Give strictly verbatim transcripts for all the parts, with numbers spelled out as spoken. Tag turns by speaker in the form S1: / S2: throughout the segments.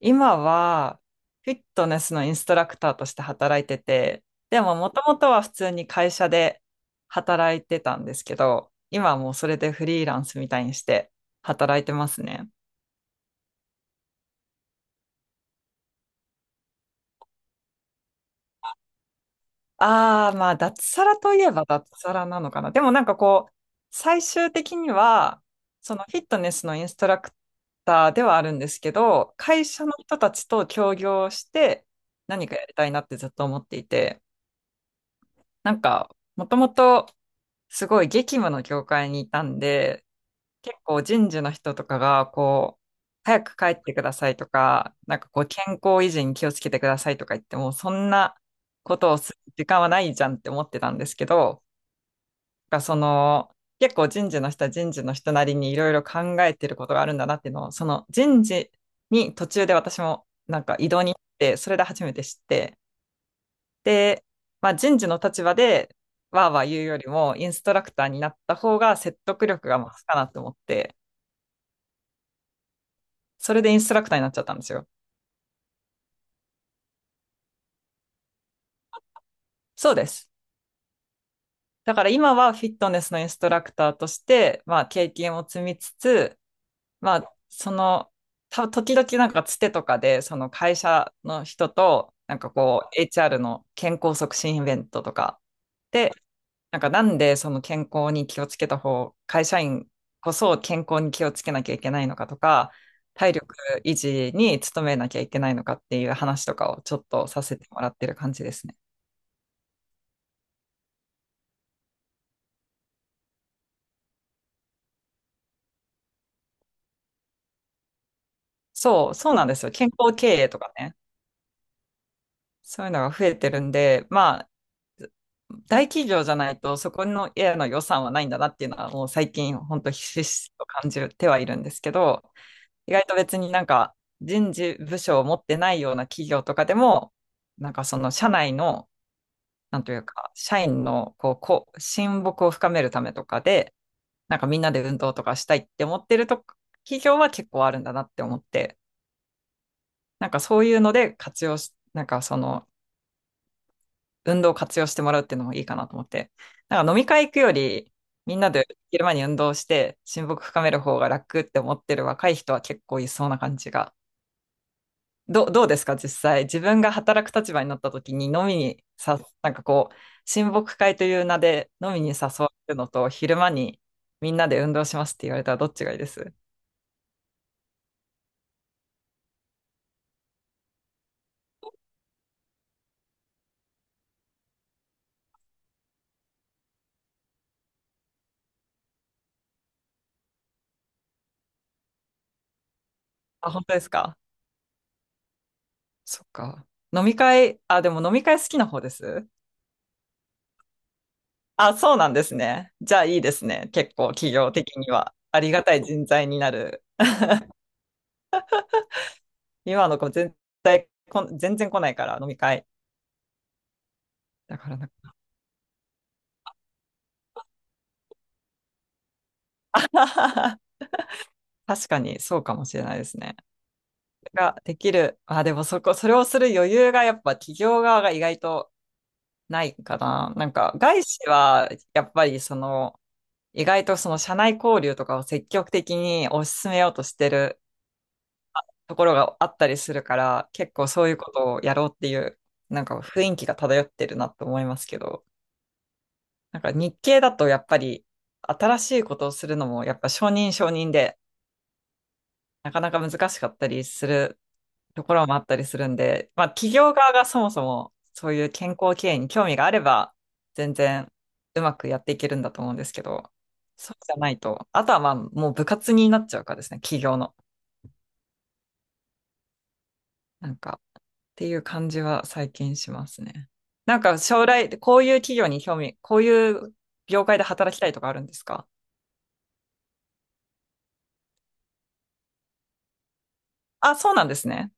S1: 今は、フィットネスのインストラクターとして働いてて、でも、もともとは普通に会社で働いてたんですけど、今はもうそれでフリーランスみたいにして働いてますね。ああ、まあ、脱サラといえば脱サラなのかな。でもなんかこう、最終的には、そのフィットネスのインストラクターではあるんですけど、会社の人たちと協業して何かやりたいなってずっと思っていて、なんか、もともと、すごい激務の業界にいたんで、結構人事の人とかが、こう、早く帰ってくださいとか、なんかこう、健康維持に気をつけてくださいとか言っても、そんなことをする時間はないじゃんって思ってたんですけど、なんかその、結構人事の人は人事の人なりにいろいろ考えてることがあるんだなっていうのを、その人事に途中で私もなんか異動に行って、それで初めて知って、で、まあ、人事の立場でわーわー言うよりも、インストラクターになった方が説得力が増すかなと思って、それでインストラクターになっちゃったんですよ。そうです。だから今はフィットネスのインストラクターとして、まあ、経験を積みつつ、まあ、その、た時々なんかつてとかで、その会社の人と、なんかこう、エイチアール の健康促進イベントとかで、なんかなんでその健康に気をつけた方、会社員こそ健康に気をつけなきゃいけないのかとか、体力維持に努めなきゃいけないのかっていう話とかをちょっとさせてもらってる感じですね。そう、そうなんですよ。健康経営とかね。そういうのが増えてるんで、まあ、大企業じゃないとそこの家の予算はないんだなっていうのはもう最近本当ひしひしと感じてはいるんですけど、意外と別になんか人事部署を持ってないような企業とかでも、なんかその社内の、なんというか、社員のこう、こう、親睦を深めるためとかで、なんかみんなで運動とかしたいって思ってると、企業は結構あるんだなって思って、なんかそういうので活用し、なんかその運動を活用してもらうっていうのもいいかなと思って、なんか飲み会行くより、みんなで昼間に運動して親睦深める方が楽って思ってる若い人は結構いそうな感じがど、どうですか、実際。自分が働く立場になった時に飲みにさ、なんかこう、親睦会という名で飲みに誘われるのと、昼間にみんなで運動しますって言われたらどっちがいいです？あ、本当ですか？そっか。飲み会、あ、でも飲み会好きな方です？あ、そうなんですね。じゃあいいですね。結構企業的には。ありがたい人材になる。今の子全体こん、全然来ないから飲み会。だからな 確かにそうかもしれないですね。ができる。あ、でもそこ、それをする余裕がやっぱ企業側が意外とないかな。なんか外資はやっぱりその意外とその社内交流とかを積極的に推し進めようとしてるところがあったりするから結構そういうことをやろうっていうなんか雰囲気が漂ってるなと思いますけど、なんか日系だとやっぱり新しいことをするのもやっぱ承認承認でなかなか難しかったりするところもあったりするんで、まあ、企業側がそもそもそういう健康経営に興味があれば、全然うまくやっていけるんだと思うんですけど、そうじゃないと、あとはまあ、もう部活になっちゃうかですね、企業の。なんか、っていう感じは最近しますね。なんか将来、こういう企業に興味、こういう業界で働きたいとかあるんですか？あ、そうなんですね。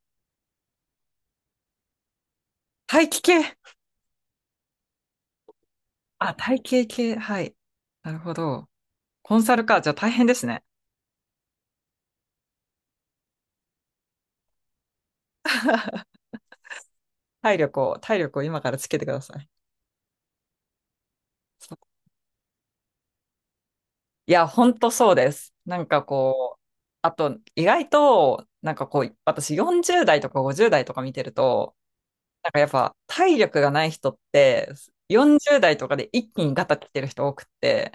S1: 大気系。あ、体系系。はい。なるほど。コンサルか。じゃあ大変ですね。体力を、体力を今からつけてください。いや、本当そうです。なんかこう、あと、意外と、なんかこう、私よんじゅう代とかごじゅう代とか見てると、なんかやっぱ体力がない人って、よんじゅう代とかで一気にガタ来てる人多くって、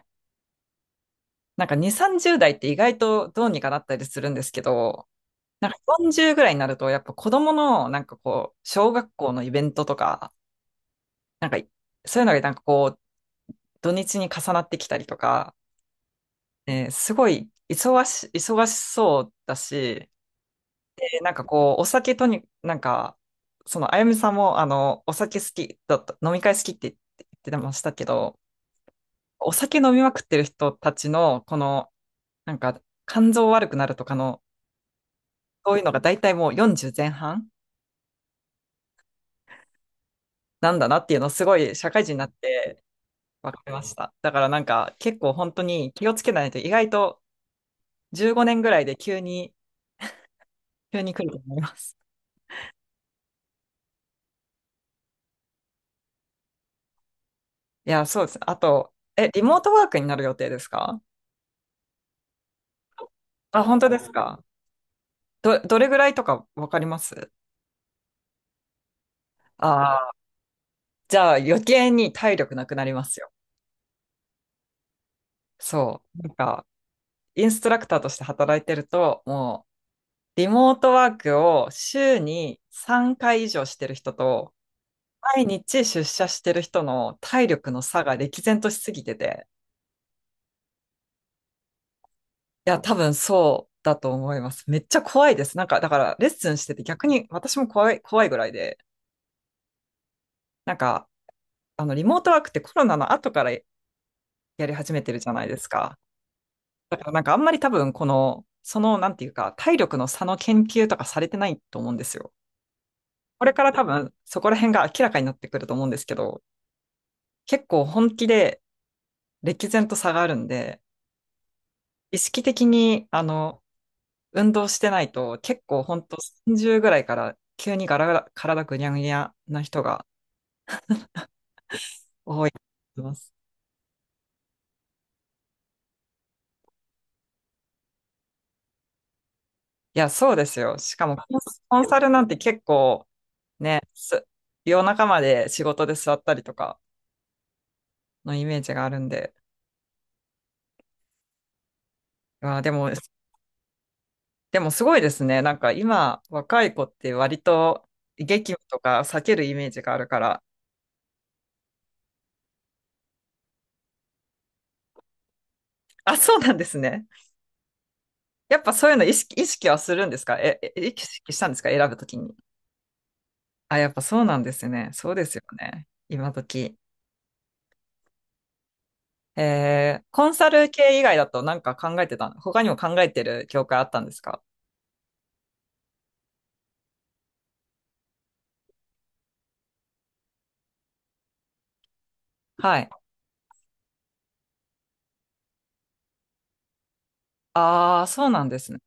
S1: なんかに、さんじゅう代って意外とどうにかなったりするんですけど、なんかよんじゅうぐらいになると、やっぱ子供の、なんかこう、小学校のイベントとか、なんか、そういうのがなんかこう、土日に重なってきたりとか、えーすごい忙し、忙しそうだし、でなんかこう、お酒とに、なんか、その、あゆみさんも、あの、お酒好きだった、飲み会好きって言ってましたけど、お酒飲みまくってる人たちの、この、なんか、肝臓悪くなるとかの、そういうのが大体もうよんじゅう前半なんだなっていうのをすごい社会人になって分かりました。だからなんか、結構本当に気をつけないと、意外とじゅうごねんぐらいで急に、急に来ると思います。いや、そうです。あと、え、リモートワークになる予定ですか？あ、本当ですか？ど、どれぐらいとかわかります？ああー、じゃあ余計に体力なくなりますよ。そう。なんか、インストラクターとして働いてると、もう、リモートワークを週にさんかい以上してる人と、毎日出社してる人の体力の差が歴然としすぎてて、いや、多分そうだと思います。めっちゃ怖いです。なんか、だから、レッスンしてて逆に私も怖い、怖いぐらいで、なんか、あの、リモートワークってコロナの後からやり始めてるじゃないですか。だからなんかあんまり多分この、そのなんていうか、体力の差の研究とかされてないと思うんですよ。これから多分そこら辺が明らかになってくると思うんですけど、結構本気で歴然と差があるんで、意識的にあの、運動してないと結構本当さんじゅうぐらいから急にガラガラ、体ぐにゃぐにゃな人が多いと思います。いや、そうですよ。しかもコンコンサルなんて結構ね、す夜中まで仕事で座ったりとかのイメージがあるんで、あー、でも、でもすごいですね。なんか今、若い子って割と激務とか避けるイメージがあるから。あ、そうなんですね。やっぱそういうの意識、意識はするんですか？え、え意識したんですか？選ぶときに。あ、やっぱそうなんですね。そうですよね。今時。えー、コンサル系以外だとなんか考えてた、他にも考えてる業界あったんですか？はい。ああ、そうなんですね。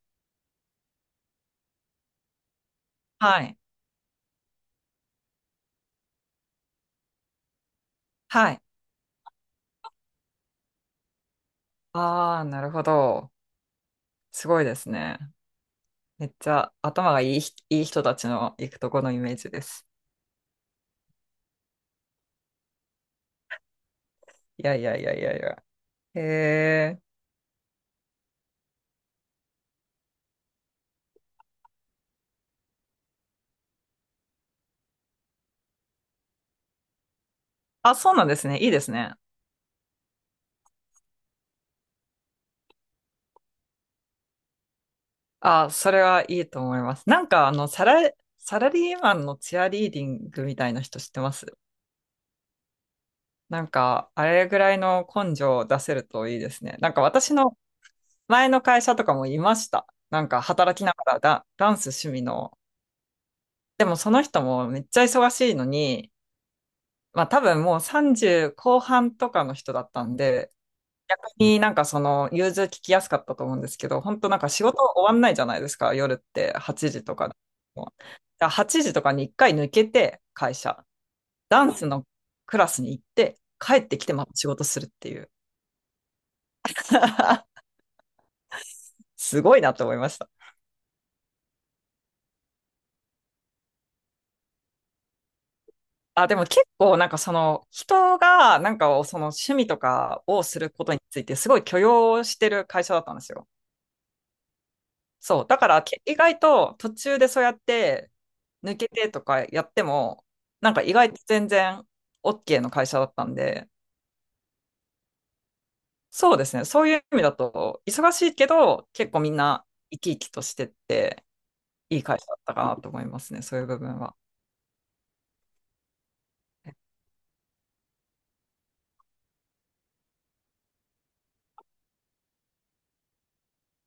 S1: はい。はい。ああ、なるほど。すごいですね。めっちゃ頭がいいひ、いい人たちの行くとこのイメージです。いやいやいやいやいや。へえ。あ、そうなんですね。いいですね。あ、それはいいと思います。なんか、あの、サラ、サラリーマンのチアリーディングみたいな人知ってます？なんか、あれぐらいの根性を出せるといいですね。なんか、私の前の会社とかもいました。なんか、働きながらダ、ダンス趣味の。でも、その人もめっちゃ忙しいのに、まあ、多分もうさんじゅう後半とかの人だったんで、逆になんかその融通聞きやすかったと思うんですけど、本当なんか仕事終わんないじゃないですか、夜ってはちじとかでも。だからはちじとかにいっかい抜けて会社、ダンスのクラスに行って帰ってきてまた仕事するっていう。すごいなと思いました。あ、でも結構なんかその人がなんかその趣味とかをすることについてすごい許容してる会社だったんですよ。そう。だから、け意外と途中でそうやって抜けてとかやっても、なんか意外と全然 OK の会社だったんで、そうですね。そういう意味だと、忙しいけど、結構みんな生き生きとしてって、いい会社だったかなと思いますね。そういう部分は。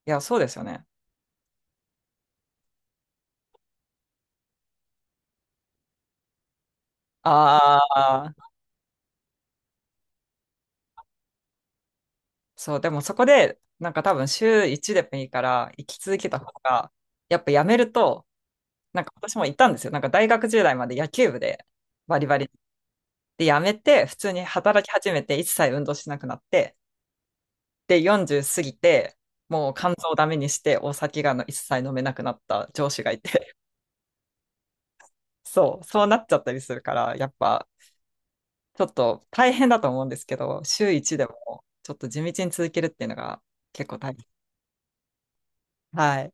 S1: いや、そうですよね。ああ、そう。でもそこで、なんか多分週いちでもいいから、生き続けた方が、やっぱやめると、なんか私もいたんですよ。なんか大学時代まで野球部でバリバリで、辞めて、普通に働き始めて、一切運動しなくなって、で、よんじゅう過ぎて、もう肝臓をダメにして、お酒がの一切飲めなくなった上司がいて、そう、そうなっちゃったりするから、やっぱ、ちょっと大変だと思うんですけど、週いちでも、ちょっと地道に続けるっていうのが結構大変。はい。